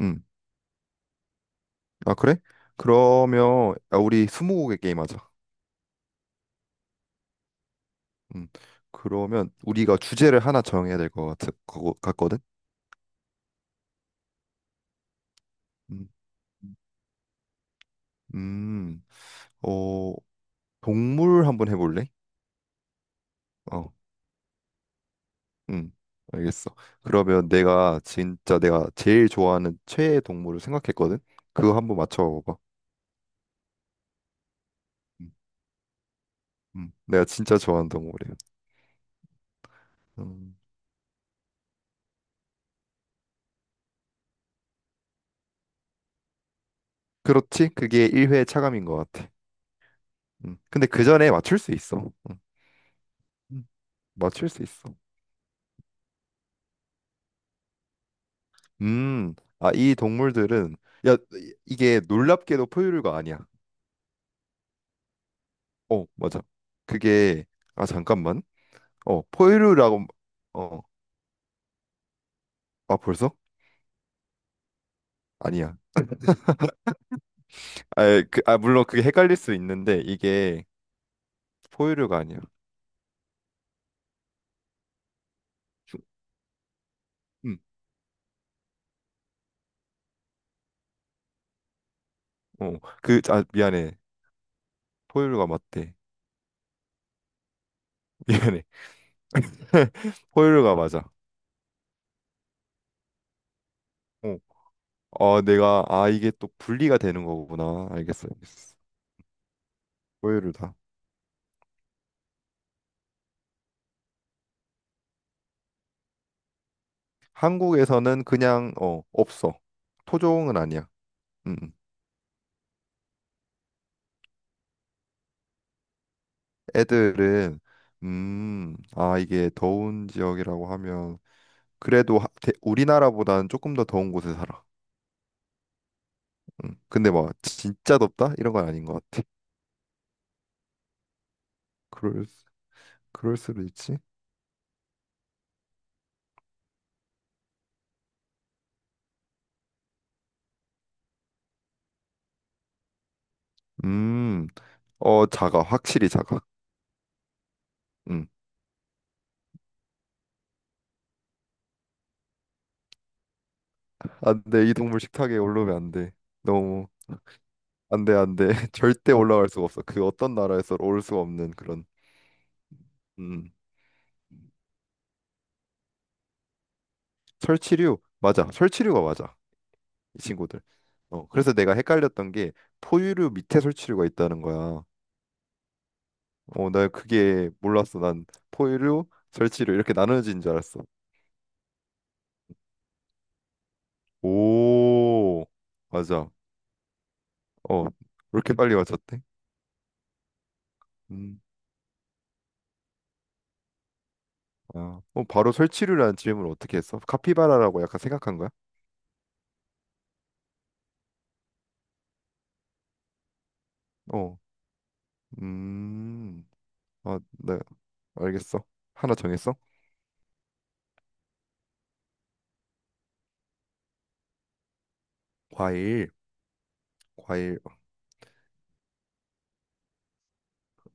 음. 아, 그래? 그러면 우리 스무고개 게임 하자. 음. 그러면 우리가 주제를 하나 정해야 될 것 같거든? 음. 음. 어, 동물 한번 해볼래? 어. 음. 알겠어. 그러면 내가 제일 좋아하는 최애 동물을 생각했거든? 그거 한번 맞춰봐. 음. 음. 내가 진짜 좋아하는 동물이야. 음. 그렇지? 그게 1회 차감인 것 같아. 음. 근데 그 전에 맞출 수 있어. 음. 음. 맞출 수 있어. 음, 이 동물들은, 야, 이게 놀랍게도 포유류가 아니야. 어, 맞아. 그게, 잠깐만. 포유류라고, 어, 벌써? 아니야. 물론 그게 헷갈릴 수 있는데, 이게 포유류가 아니야. 주- 음, 미안해. 포유류가 맞대. 미안해. 포유류가 맞아. 어, 이게 또 분리가 되는 거구나. 알겠어, 알겠어. 포유류다. 한국에서는 없어. 토종은 아니야. 음, 음. 애들은 이게 더운 지역이라고 하면 그래도 우리나라보다는 조금 더 더운 곳에 살아. 근데 막 진짜 덥다 이런 건 아닌 것 같아. 그럴 수- 그럴 수도 있지. 음, 작아 확실히 작아. 음, 안돼 이 동물 식탁에 올라오면 안 돼. 너무 안돼 안 돼. 절대 올라갈 수가 없어. 그 어떤 나라에서 올 수가 없는 그런 음 설치류 맞아 설치류가 맞아. 이 친구들. 어, 그래서 내가 헷갈렸던 게 포유류 밑에 설치류가 있다는 거야. 어, 나 그게 몰랐어. 난 포유류, 설치류 이렇게 나눠진 줄 알았어. 오, 맞아. 어, 왜 이렇게 빨리 맞췄대? 음, 바로 설치류라는 질문을 어떻게 했어? 카피바라라고 약간 생각한 거야? 어, 음, 아, 네, 알겠어. 하나 정했어? 과일, 과일,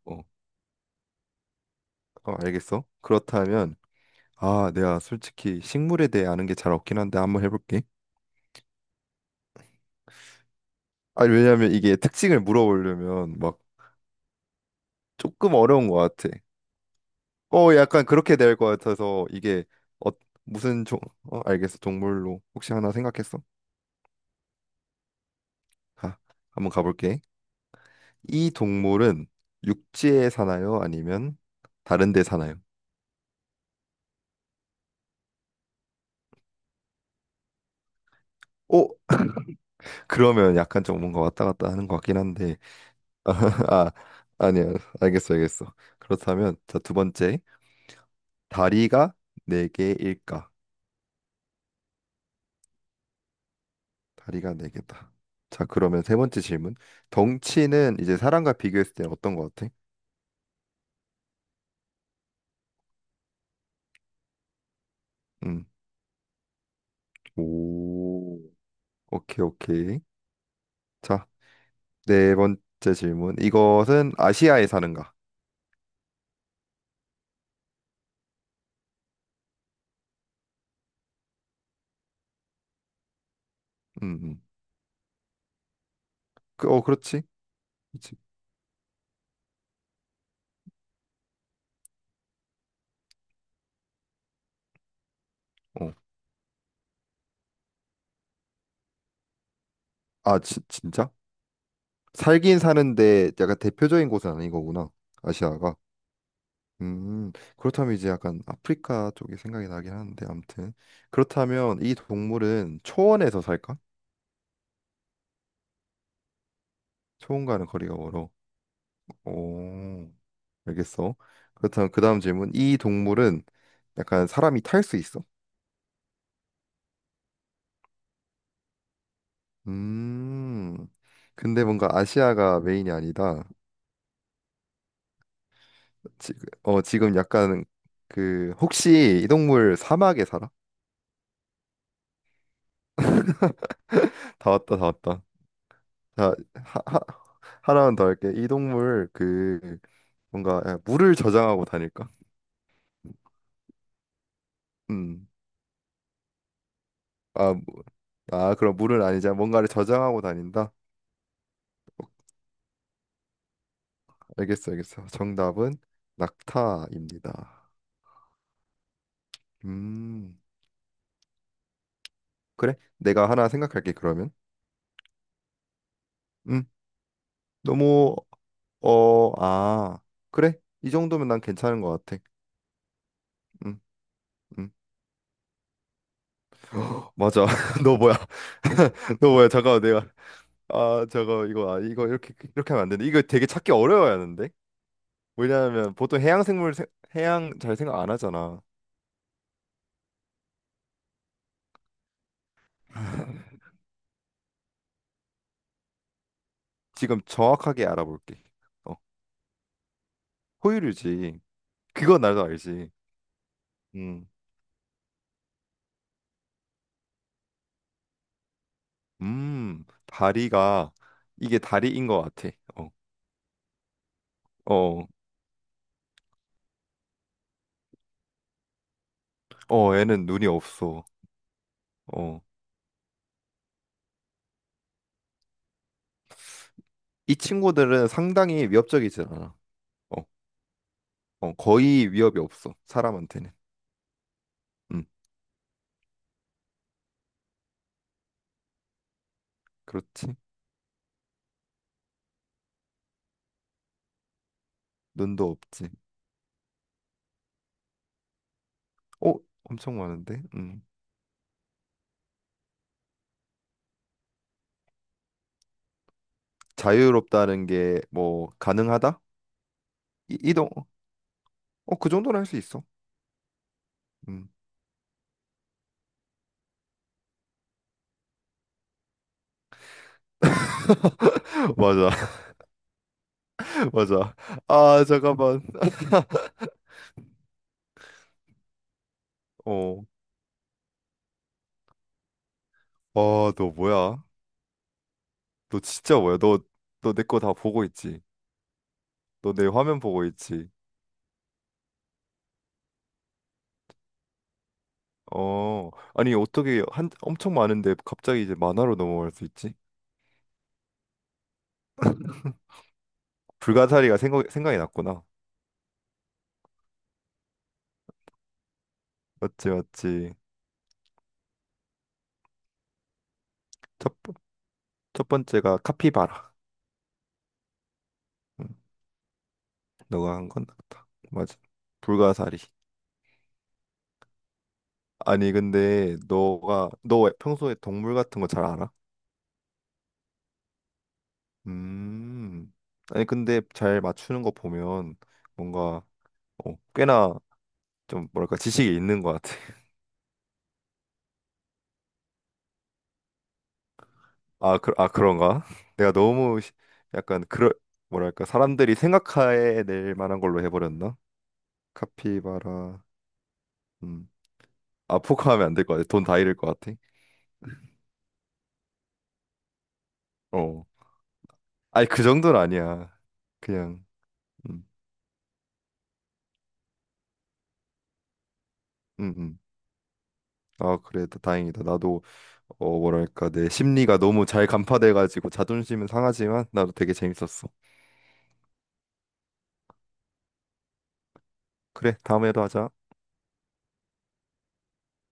어, 어, 알겠어. 그렇다면 아, 내가 솔직히 식물에 대해 아는 게 잘 없긴 한데 한번 해볼게. 아니, 왜냐면 이게 특징을 물어보려면 막 조금 어려운 것 같아. 어, 약간 그렇게 될 것 같아서 이게 어, 무슨 종, 어, 알겠어. 동물로 혹시 하나 생각했어? 아, 한번 가볼게. 이 동물은 육지에 사나요? 아니면 다른 데 사나요? 오! 그러면 약간 좀 뭔가 왔다 갔다 하는 것 같긴 한데. 아, 아니야. 알겠어, 알겠어. 그렇다면 자, 두 번째. 다리가 네 개일까? 다리가 네 개다. 자, 그러면 세 번째 질문. 덩치는 이제 사람과 비교했을 때는 어떤 것 같아? 음. 오. 오케이, 오케이. 자, 네 번째 질문. 이것은 아시아에 사는가? 음. 음. 그렇지. 그렇지. 어. 아, 진짜? 살긴 사는데 약간 대표적인 곳은 아닌 거구나. 아시아가. 음. 그렇다면 이제 약간 아프리카 쪽이 생각이 나긴 하는데 아무튼. 그렇다면 이 동물은 초원에서 살까? 초원과는 거리가 멀어. 오, 알겠어. 그렇다면 그 다음 질문. 이 동물은 약간 사람이 탈 수 있어? 음, 근데 뭔가 아시아가 메인이 아니다. 지금 약간 그 혹시 이 동물 사막에 살아? 다 왔다, 다 왔다. 자, 하나만 더 할게. 이 동물 그 뭔가 물을 저장하고 다닐까? 음, 아, 그럼 물은 아니자 뭔가를 저장하고 다닌다. 알겠어, 알겠어. 정답은 낙타입니다. 음, 그래. 내가 하나 생각할게, 그러면. 음, 너무, 어, 아, 그래. 이 정도면 난 괜찮은 것 같아. 음, 음, 맞아. 너 뭐야? 너 뭐야? 잠깐만, 내가. 이거 이렇게, 이렇게 하면 안 되는데. 이거 되게 찾기 어려워야 하는데? 왜냐하면 보통 해양 잘 생각 안 하잖아. 지금 정확하게 알아볼게. 어, 포유류지. 그건 나도 알지. 음, 다리가, 이게 다리인 것 같아. 어. 어 어, 애는 눈이 없어. 어. 이 친구들은 상당히 위협적이지 않아. 어, 어, 거의 위협이 없어. 사람한테는. 음, 그렇지. 눈도 없지. 어, 엄청 많은데. 음. 자유롭다는 게 뭐 가능하다? 이동. 어, 그 정도는 할 수 있어. 음. 맞아. 맞아. 아, 잠깐만. 어. 아, 너 뭐야? 너 진짜 뭐야? 너 내 거 다 보고 있지? 너 내 화면 보고 있지? 어, 아니 어떻게 한 엄청 많은데 갑자기 이제 만화로 넘어갈 수 있지? 불가사리가 생각이 났구나. 맞지, 맞지. 첫, 번- 첫 번째가 카피바라. 응, 너가 한 건 같다. 맞아. 불가사리. 아니 근데 너가 너 평소에 동물 같은 거 잘 알아? 음. 아니 근데 잘 맞추는 거 보면 뭔가 꽤나 좀 뭐랄까 지식이 있는 것 같아. 아 그런가? 내가 약간 그럴 뭐랄까 사람들이 생각해 낼 만한 걸로 해버렸나? 카피바라 음. 아 포커하면 안 될 것 같아. 돈 다 잃을 것 같아. 어. 아니 그 정도는 아니야. 그냥 음. 음, 음. 아 그래 다행이다. 나도 뭐랄까 내 심리가 너무 잘 간파돼 가지고 자존심은 상하지만 나도 되게 재밌었어. 그래 다음에도 하자.